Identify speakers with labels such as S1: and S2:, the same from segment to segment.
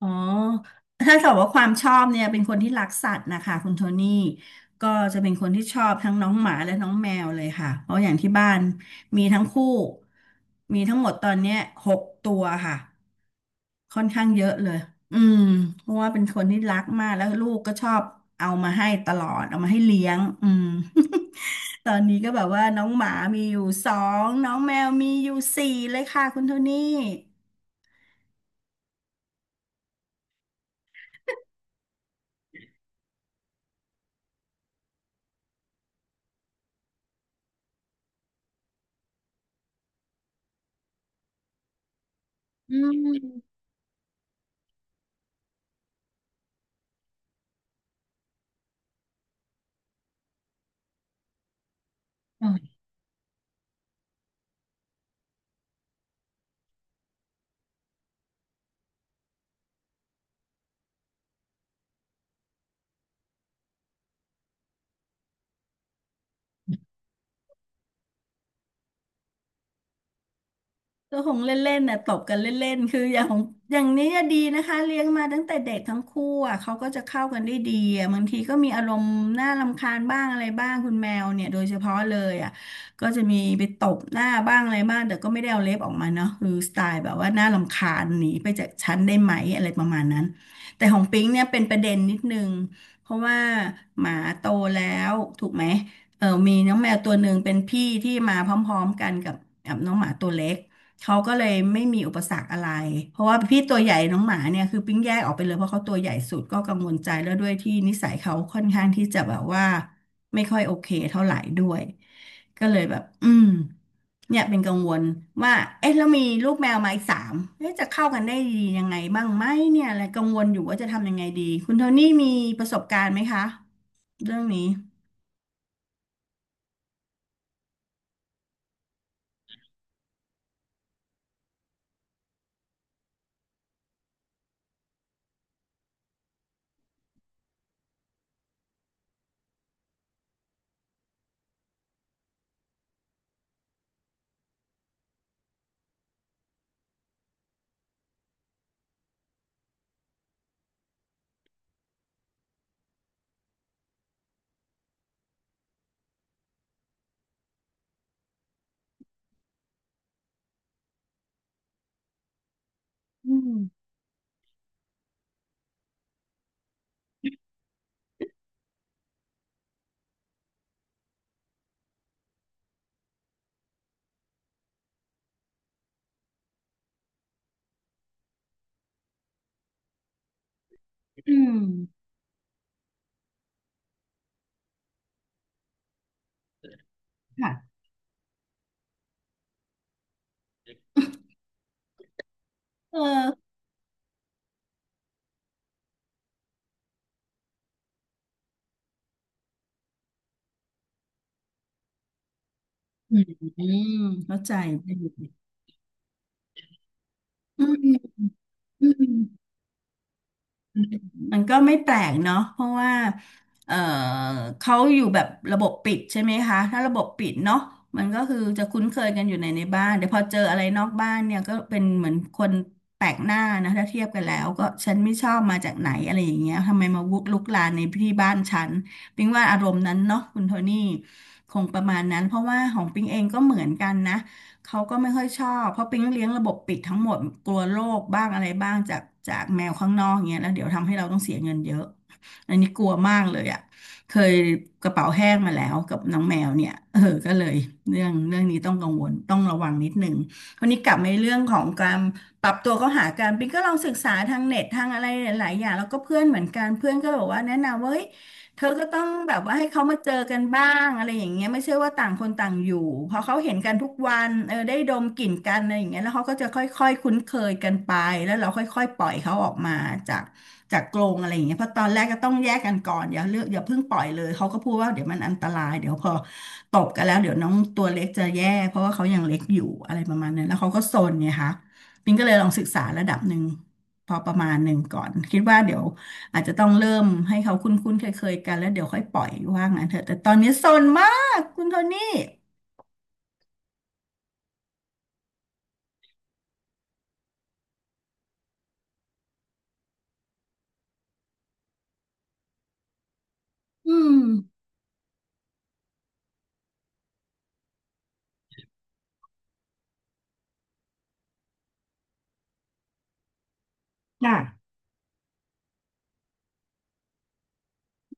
S1: อ๋อถ้าถามว่าความชอบเนี่ยเป็นคนที่รักสัตว์นะคะคุณโทนี่ก็จะเป็นคนที่ชอบทั้งน้องหมาและน้องแมวเลยค่ะเพราะอย่างที่บ้านมีทั้งคู่มีทั้งหมดตอนเนี้ย6ตัวค่ะค่อนข้างเยอะเลยอืมเพราะว่าเป็นคนที่รักมากแล้วลูกก็ชอบเอามาให้ตลอดเอามาให้เลี้ยงอืม ตอนนี้ก็แบบว่าน้องหมามีอยู่2น้องแมวมีอยู่4เลยค่ะคุณโทนี่อืม ก็คงเล่นๆน่ะตบกันเล่นๆคืออย่างของอย่างนี้อะดีนะคะเลี้ยงมาตั้งแต่เด็กทั้งคู่อ่ะเขาก็จะเข้ากันได้ดีอ่ะบางทีก็มีอารมณ์น่ารำคาญบ้างอะไรบ้างคุณแมวเนี่ยโดยเฉพาะเลยอ่ะก็จะมีไปตบหน้าบ้างอะไรบ้างแต่ก็ไม่ได้เอาเล็บออกมาเนาะคือสไตล์แบบว่าน่ารำคาญหนีไปจากฉันได้ไหมอะไรประมาณนั้นแต่ของปิ๊งเนี่ยเป็นประเด็นนิดนึงเพราะว่าหมาโตแล้วถูกไหมเออมีน้องแมวตัวหนึ่งเป็นพี่ที่มาพร้อมๆกันกับน้องหมาตัวเล็ก เขาก็เลยไม่มีอุปสรรคอะไรเพราะว่าพี่ตัวใหญ่น้องหมาเนี่ยคือปิ้งแยกออกไปเลยเพราะเขาตัวใหญ่สุดก็กังวลใจแล้วด้วยที่นิสัยเขาค่อนข้างที่จะแบบว่าไม่ค่อยโอเคเท่าไหร่ด้วยก็เลยแบบอืมเนี่ยเป็นกังวลว่าเอ๊ะแล้วมีลูกแมวมาอีก3เอ๊ะจะเข้ากันได้ดียังไงบ้างไหมเนี่ยอะไรกังวลอยู่ว่าจะทำยังไงดีคุณโทนี่มีประสบการณ์ไหมคะเรื่องนี้อืมอืมค่ะเอออืมเข้าใจอืมอืม มันก็ไม่แปลกเนาะเพราะว่าเอ่อเขาอยู่แบบระบบปิดใช่ไหมคะถ้าระบบปิดเนาะมันก็คือจะคุ้นเคยกันอยู่ในบ้านแต่พอเจออะไรนอกบ้านเนี่ยก็เป็นเหมือนคนแปลกหน้านะถ้าเทียบกันแล้วก็ฉันไม่ชอบมาจากไหนอะไรอย่างเงี้ยทำไมมาวุกลุกลานในที่บ้านฉันปิงว่าอารมณ์นั้นเนาะคุณโทนี่คงประมาณนั้นเพราะว่าของปิงเองก็เหมือนกันนะ เขาก็ไม่ค่อยชอบเพราะปิ๊งเลี้ยงระบบปิดทั้งหมดกลัวโรคบ้างอะไรบ้างจากแมวข้างนอกเงี้ยแล้วเดี๋ยวทำให้เราต้องเสียเงินเยอะอันนี้กลัวมากเลยอ่ะเคยกระเป๋าแห้งมาแล้วกับน้องแมวเนี่ย เออก็เลยเรื่องนี้ต้องกังวลต้องระวังนิดหนึ่งวันนี้กลับมาเรื่องของการปรับตัวเข้าหากันปิ๊งก็ลองศึกษาทางเน็ตทางอะไรหลายๆอย่างแล้วก็เพื่อนเหมือนกันเพื่อนก็บอกว่าแนะนำว่าเฮ้ย เธอก็ต้องแบบว่าให้เขามาเจอกันบ้างอะไรอย่างเงี้ยไม่ใช่ว่าต่างคนต่างอยู่พอเขาเห็นกันทุกวันเออได้ดมกลิ่นกันอะไรอย่างเงี้ยแล้วเขาก็จะค่อยๆคุ้นเคยกันไปแล้วเราค่อยๆปล่อยเขาออกมาจากกรงอะไรอย่างเงี้ยเพราะตอนแรกก็ต้องแยกกันก่อนอย่าเลือกอย่าเพิ่งปล่อยเลยเขาก็พูดว่าเดี๋ยวมันอันตรายเดี๋ยวพอตบกันแล้วเดี๋ยวน้องตัวเล็กจะแย่เพราะว่าเขายังเล็กอยู่อะไรประมาณนั้นแล้วเขาก็ซนไงคะปิงก็เลยลองศึกษาระดับหนึ่งพอประมาณหนึ่งก่อนคิดว่าเดี๋ยว อาจจะต้องเริ่มให้เขาคุ้นๆเคยๆกันแล้วเดี๋ยวค่อยปล่อยว่างั้นเถอะแต่ตอนนี้ซนมากคุณโทนี่อืมค่ะ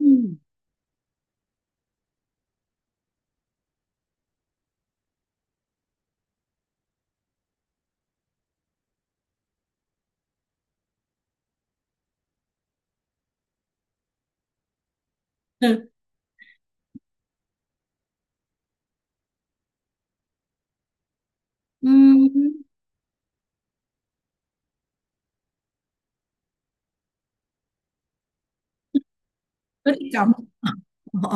S1: อืมอืมจอมขอ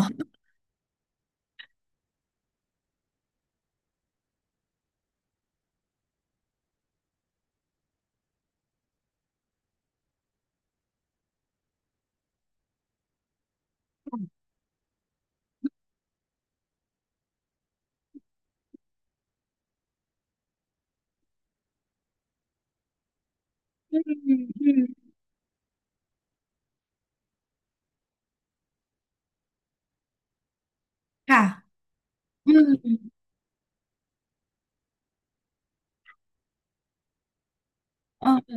S1: อืมอืมค่ะอืม เออเออ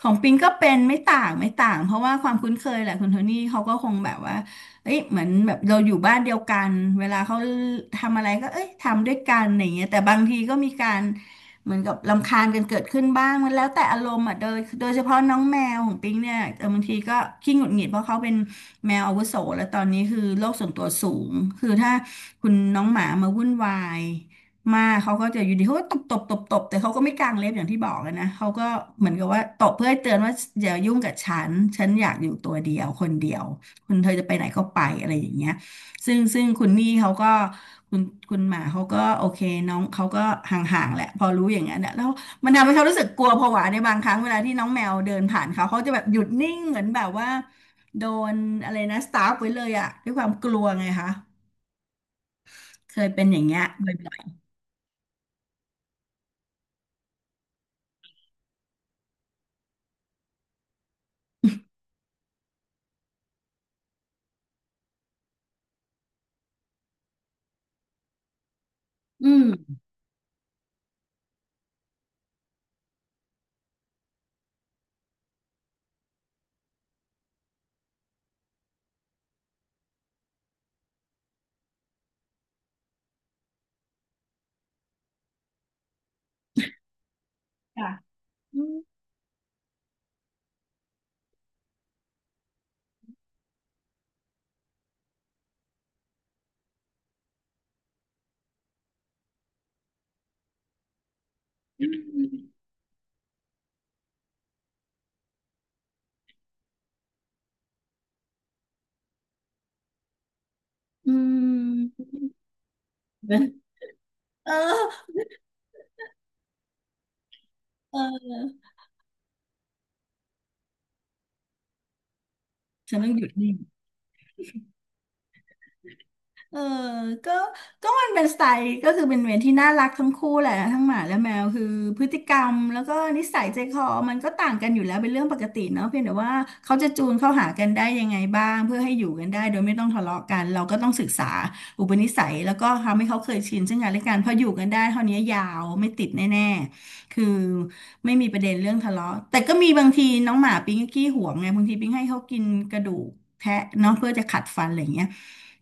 S1: ของปิงก็เป็นไม่ต่างไม่ต่างเพราะว่าความคุ้นเคยแหละคุณโทนี่เขาก็คงแบบว่าเอ้ยเหมือนแบบเราอยู่บ้านเดียวกันเวลาเขาทำอะไรก็เอ้ยทำด้วยกันอย่างเงี้ยแต่บางทีก็มีการเหมือนกับรำคาญกันเกิดขึ้นบ้างมันแล้วแต่อารมณ์อ่ะโดยเฉพาะน้องแมวของปิงเนี่ยเออบางทีก็ขี้หงุดหงิดเพราะเขาเป็นแมวอาวุโสแล้วตอนนี้คือโลกส่วนตัวสูงคือถ้าคุณน้องหมามาวุ่นวาย มาเขาก็จะอยู่ดีเขาก็ตบตบตบตบแต่เขาก็ไม่กางเล็บอย่างที่บอกอะนะเขาก็เหมือนกับว่าตบเพื่อให้เตือนว่าอย่ายุ่งกับฉันฉันอยากอยู่ตัวเดียวคนเดียวคุณเธอจะไปไหนก็ไปอะไรอย่างเงี้ยซึ่งคุณนี่เขาก็คุณคุณหมาเขาก็โอเคน้องเขาก็ห่างๆแหละพอรู้อย่างนั้นอะแล้วมันทำให้เขารู้สึกกลัวผวาในบางครั้งเวลาที่น้องแมวเดินผ่านเขาเขาจะแบบหยุดนิ่งเหมือนแบบว่าโดนอะไรนะสตาร์ฟไว้เลยอะด้วยความกลัวไงคะเคยเป็นอย่างเงี้ยบ่อยๆอืมค่ะ อืม เออเออฉันต้องหยุดนิ่ง เออก็ก็มันเป็นสไตล์ก็คือเป็นเวรที่น่ารักทั้งคู่แหละทั้งหมาและแมวคือพฤติกรรมแล้วก็นิสัยใจคอมันก็ต่างกันอยู่แล้วเป็นเรื่องปกติเนาะเพียงแต่ว่าเขาจะจูนเข้าหากันได้ยังไงบ้างเพื่อให้อยู่กันได้โดยไม่ต้องทะเลาะกันเราก็ต้องศึกษาอุปนิสัยแล้วก็ทำให้เขาเคยชินซึ่งกันและกันพออยู่กันได้เท่านี้ยาวไม่ติดแน่ๆคือไม่มีประเด็นเรื่องทะเลาะแต่ก็มีบางทีน้องหมาปิ๊งก็ขี้หวงไงบางทีปิ๊งให้เขากินกระดูกแทะเนาะเพื่อจะขัดฟันอะไรอย่างเงี้ย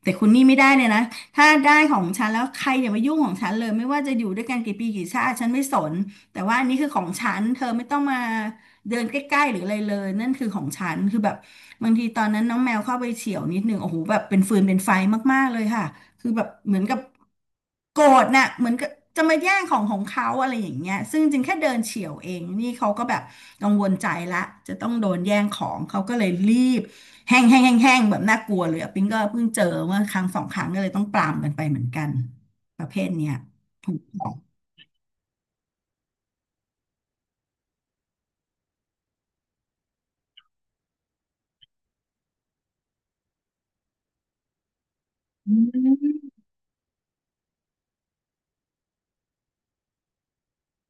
S1: แต่คุณนี่ไม่ได้เลยนะถ้าได้ของฉันแล้วใครอย่ามายุ่งของฉันเลยไม่ว่าจะอยู่ด้วยกันกี่ปีกี่ชาติฉันไม่สนแต่ว่าอันนี้คือของฉันเธอไม่ต้องมาเดินใกล้ๆหรืออะไรเลยนั่นคือของฉันคือแบบบางทีตอนนั้นน้องแมวเข้าไปเฉี่ยวนิดหนึ่งโอ้โหแบบเป็นฟืนเป็นไฟมากๆเลยค่ะ คือแบบเหมือนกับโกรธน่ะเหมือนกับจะมาแย่งของของเขาอะไรอย่างเงี้ยซึ่งจริงแค่เดินเฉี่ยวเองนี่เขาก็แบบกังวลใจละจะต้องโดนแย่งของเขาก็เลยรีบแห้งแห้งแห้งแห้งแบบน่ากลัวเลยอะปิ๊งก็เพิ่งเจอเมื่อครั้งสองครั้งก็เลยต้องปรามกันไปเหมือนกันประเภทเนี้ยถูกต้องอืม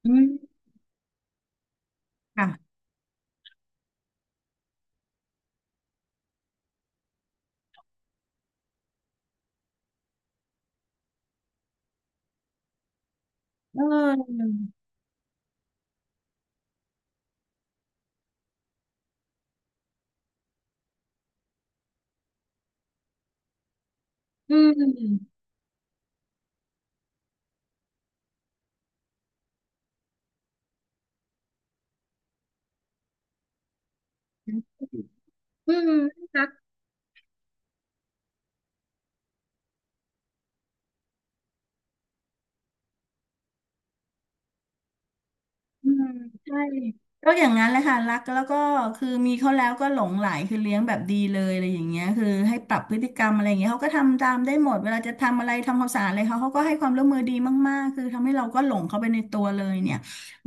S1: อืมค่ะเอออืมอืมน่ารัก อืมใช่ก็อย่างนั้นแหละค่ะรักแล้วก็คือมีเขาแล้วก็หลงใหลคือเลี้ยงแบบดีเลยอะไรอย่างเงี้ยคือให้ปรับพฤติกรรมอะไรอย่างเงี้ยเขาก็ทำตามได้หมดเวลาจะทำอะไรทำความสะอาดอะไรเขาเขาก็ให้ความร่วมมือดีมากๆคือทำให้เราก็หลงเขาไปในตัวเลยเนี่ย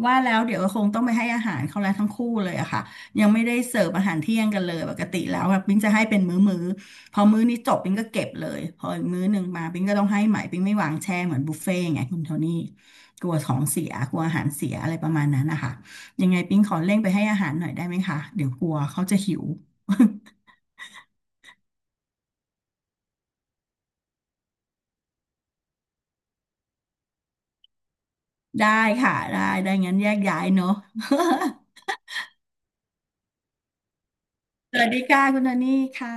S1: ว่าแล้วเดี๋ยวคงต้องไปให้อาหารเขาแล้วทั้งคู่เลยอะค่ะยังไม่ได้เสิร์ฟอาหารเที่ยงกันเลยปกติแล้วแบบมิ้งจะให้เป็นมื้อๆ พอมื้อนี้จบปิงก็เก็บเลยพออีกมื้อหนึ่งมาปิงก็ต้องให้ใหม่ปิงไม่วางแช่เหมือนบุฟเฟ่ต์ไงคุณโทนี่กลัวของเสียกลัวอาหารเสียอะไรประมาณนั้นนะคะยังไงปิงขอเร่งไปให้อาหารหน่อยได้ไหมคะเดี๋ยวกลัวเขาจะหิว ได้ค่ะได้ได้งั้นแยกย้ายเนอะ สวัสดีค่ะคุณโทนี่ค่ะ